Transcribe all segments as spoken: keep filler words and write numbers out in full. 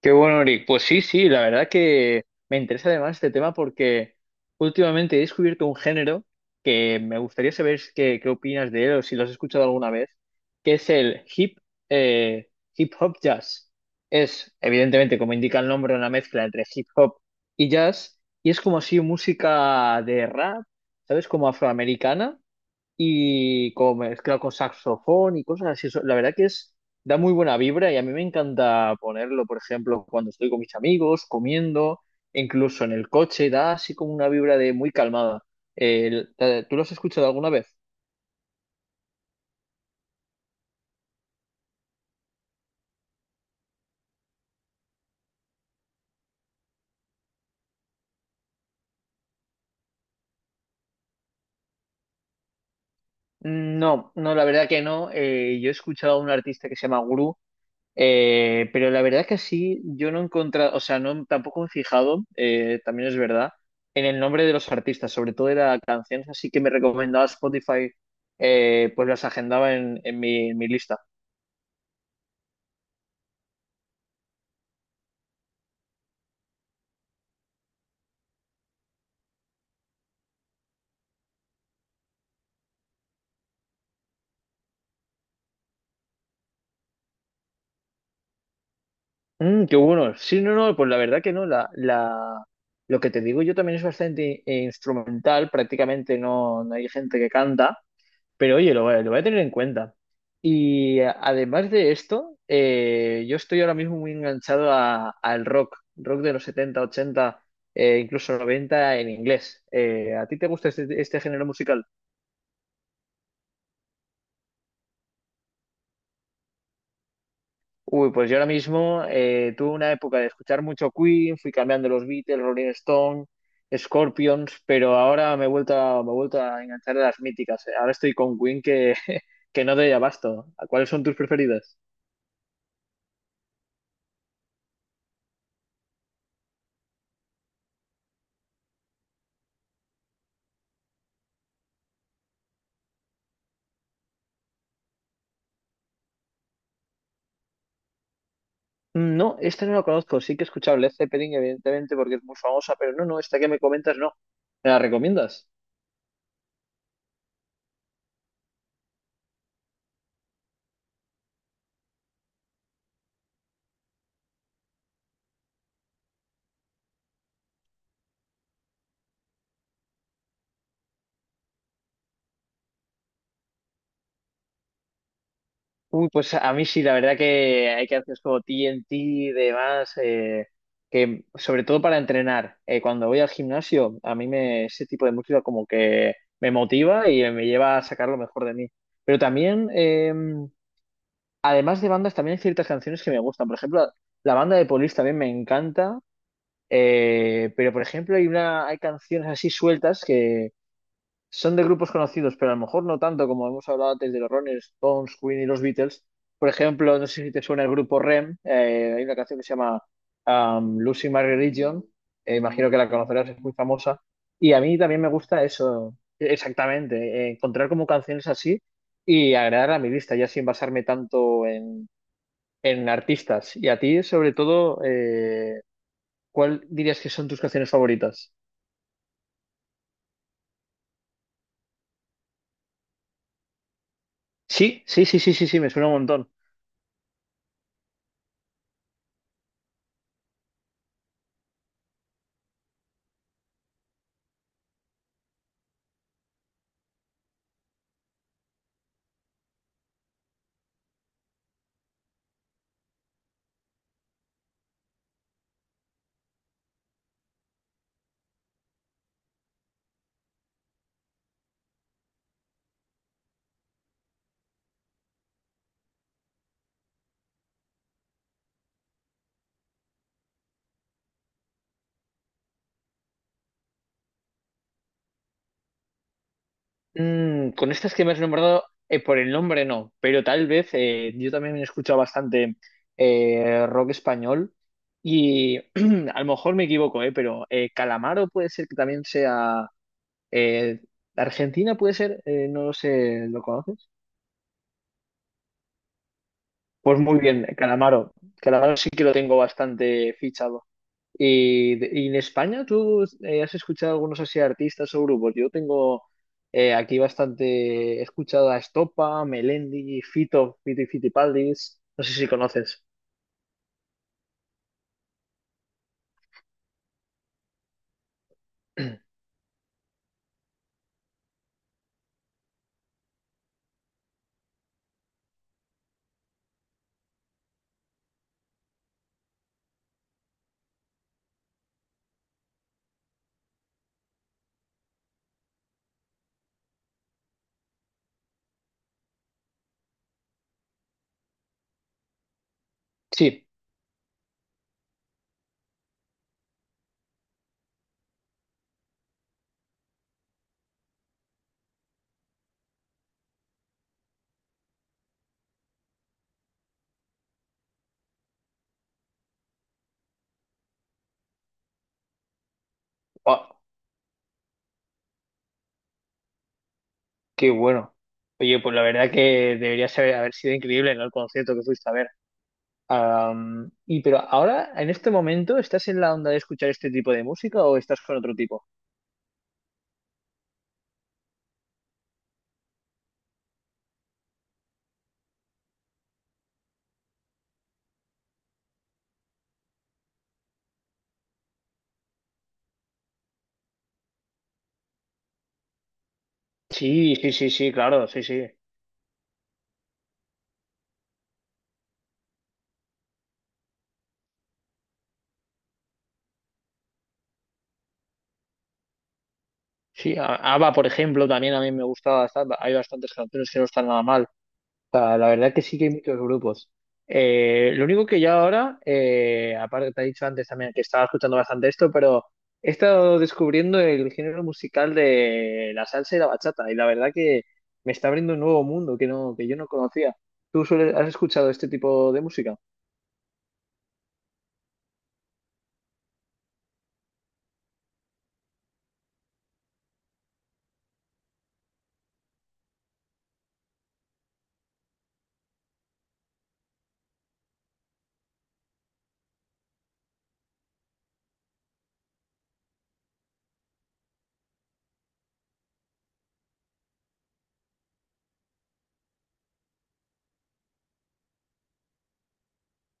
Qué bueno, Eric. Pues sí, sí, la verdad que me interesa además este tema porque últimamente he descubierto un género que me gustaría saber qué, qué opinas de él o si lo has escuchado alguna vez, que es el hip, eh, hip hop jazz. Es, evidentemente, como indica el nombre, una mezcla entre hip hop y jazz y es como así música de rap, ¿sabes? Como afroamericana y como mezclado con saxofón y cosas así. Eso- La verdad que es, da muy buena vibra y a mí me encanta ponerlo, por ejemplo, cuando estoy con mis amigos, comiendo, incluso en el coche, da así como una vibra de muy calmada. El- ¿te- ¿tú lo has escuchado alguna vez? No, no, la verdad que no. Eh, yo he escuchado a un artista que se llama Guru. Eh, pero la verdad que sí, yo no he encontrado, o sea, no, tampoco me he fijado, eh, también es verdad, en el nombre de los artistas, sobre todo de las canciones, así que me recomendaba Spotify, eh, pues las agendaba en, en mi, en mi lista. Mm, qué bueno. Sí, no, no, pues la verdad que no, la, la, lo que te digo yo también es bastante eh, instrumental, prácticamente no, no hay gente que canta. Pero oye, lo, voy a lo voy a tener en cuenta. Y a- además de esto, eh, yo estoy ahora mismo muy enganchado a- al rock, rock de los setenta ochenta, eh, incluso noventa en inglés. Eh, ¿a ti te gusta este, este género musical? Uy, pues yo ahora mismo eh, tuve una época de escuchar mucho Queen, fui cambiando los Beatles, Rolling Stone, Scorpions, pero ahora me he vuelto a, me he vuelto a enganchar a las míticas. Ahora estoy con Queen que, que no doy abasto. ¿Cuáles son tus preferidas? No, esta no la conozco. Sí que he escuchado Led Zeppelin, evidentemente, porque es muy famosa, pero no, no, esta que me comentas no. ¿Me la recomiendas? Uy, pues a mí sí, la verdad que hay canciones como T N T y demás, eh, que sobre todo para entrenar. Eh, cuando voy al gimnasio, a mí me, ese tipo de música como que me motiva y me lleva a sacar lo mejor de mí. Pero también, eh, además de bandas, también hay ciertas canciones que me gustan. Por ejemplo, la banda de Police también me encanta. Eh, pero, por ejemplo, hay una, hay canciones así sueltas que son de grupos conocidos, pero a lo mejor no tanto como hemos hablado antes de los Rolling Stones, Queen y los Beatles. Por ejemplo, no sé si te suena el grupo R E M. Eh, hay una canción que se llama um, Lucy My Religion. Eh, imagino que la conocerás, es muy famosa. Y a mí también me gusta eso, exactamente, eh, encontrar como canciones así y agregar a mi lista, ya sin basarme tanto en, en artistas. Y a ti, sobre todo, eh, ¿cuál dirías que son tus canciones favoritas? Sí, sí, sí, sí, sí, sí, me suena un montón. Mm, con estas que me has nombrado, eh, por el nombre no, pero tal vez eh, yo también he escuchado bastante eh, rock español y a lo mejor me equivoco, eh, pero eh, Calamaro puede ser que también sea eh, Argentina, puede ser. Eh, no lo sé, ¿lo conoces? Pues muy bien, Calamaro. Calamaro sí que lo tengo bastante fichado. Y, de- y en España, ¿tú eh, has escuchado algunos así artistas o grupos? Yo tengo eh, aquí bastante, he escuchado a Estopa, Melendi, Fito, Fito y Fitipaldis, no sé si conoces. Sí. Ah, qué bueno. Oye, pues la verdad que debería ser- haber sido increíble, ¿no? El concierto que fuiste a ver. Am, y pero ahora, en este momento, ¿estás en la onda de escuchar este tipo de música o estás con otro tipo? Sí, sí, sí, sí, claro, sí, sí. Sí, a- ABBA, por ejemplo, también a mí me gusta bastante. Hay bastantes canciones que no están nada mal. Sea, la verdad que sí que hay muchos grupos. Eh, lo único que yo ahora, eh, aparte te he dicho antes también que estaba escuchando bastante esto, pero he estado descubriendo el género musical de la salsa y la bachata, y la verdad que me está abriendo un nuevo mundo que no, que yo no conocía. ¿Tú sueles- has escuchado este tipo de música?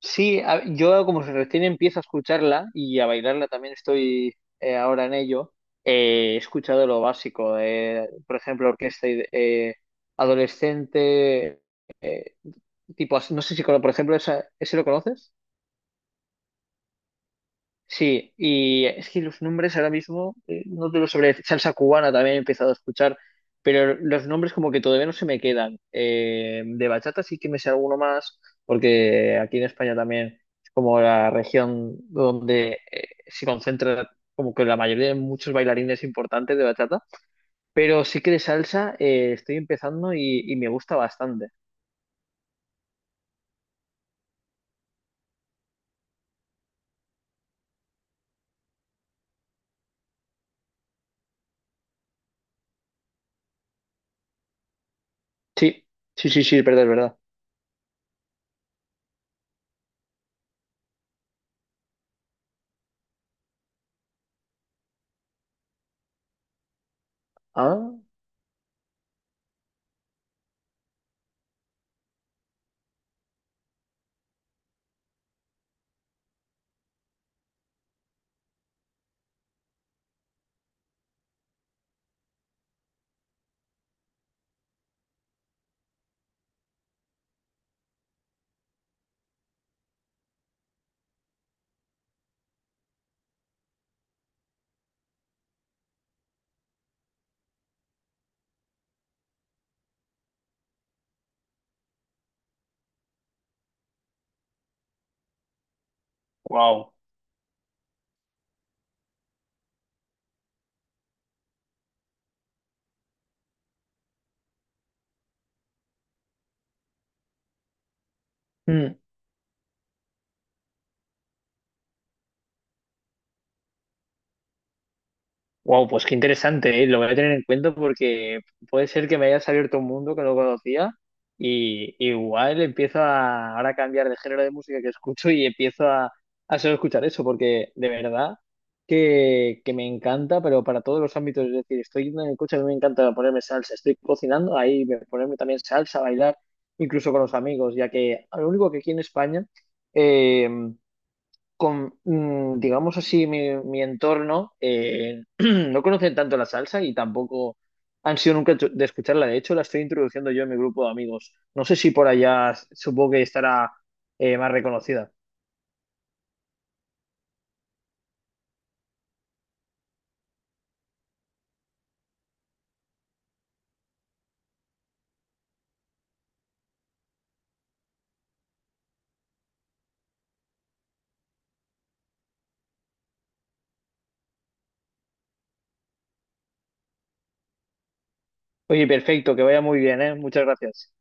Sí, a- yo como recién empiezo a escucharla y a bailarla también estoy eh, ahora en ello, eh, he escuchado lo básico, eh, por ejemplo, orquesta eh, adolescente, eh, tipo, as- no sé si, cono- por ejemplo, esa- ¿ese lo conoces? Sí, y es que los nombres ahora mismo eh, no te los sabré decir. Salsa cubana también he empezado a escuchar, pero los nombres como que todavía no se me quedan. Eh, de bachata sí que me sé alguno más, porque aquí en España también es como la región donde eh, se concentra como que la mayoría de muchos bailarines importantes de bachata, pero sí que de salsa eh, estoy empezando y, y me gusta bastante. Sí, sí, sí, sí, es verdad, es verdad. Ah, wow. Wow, pues qué interesante, ¿eh? Lo voy a tener en cuenta porque puede ser que me hayas abierto un mundo que no conocía y igual empiezo a ahora a cambiar de género de música que escucho y empiezo a, a solo escuchar eso porque de verdad que, que me encanta, pero para todos los ámbitos, es decir, estoy yendo en el coche, a mí me encanta ponerme salsa, estoy cocinando, ahí me- ponerme también salsa, bailar, incluso con los amigos, ya que lo único que aquí en España, eh, con, mm, digamos así, mi, mi entorno, eh, no conocen tanto la salsa y tampoco han sido nunca tu- de escucharla. De hecho, la estoy introduciendo yo en mi grupo de amigos. No sé si por allá supongo que estará eh, más reconocida. Oye, perfecto, que vaya muy bien, ¿eh? Muchas gracias.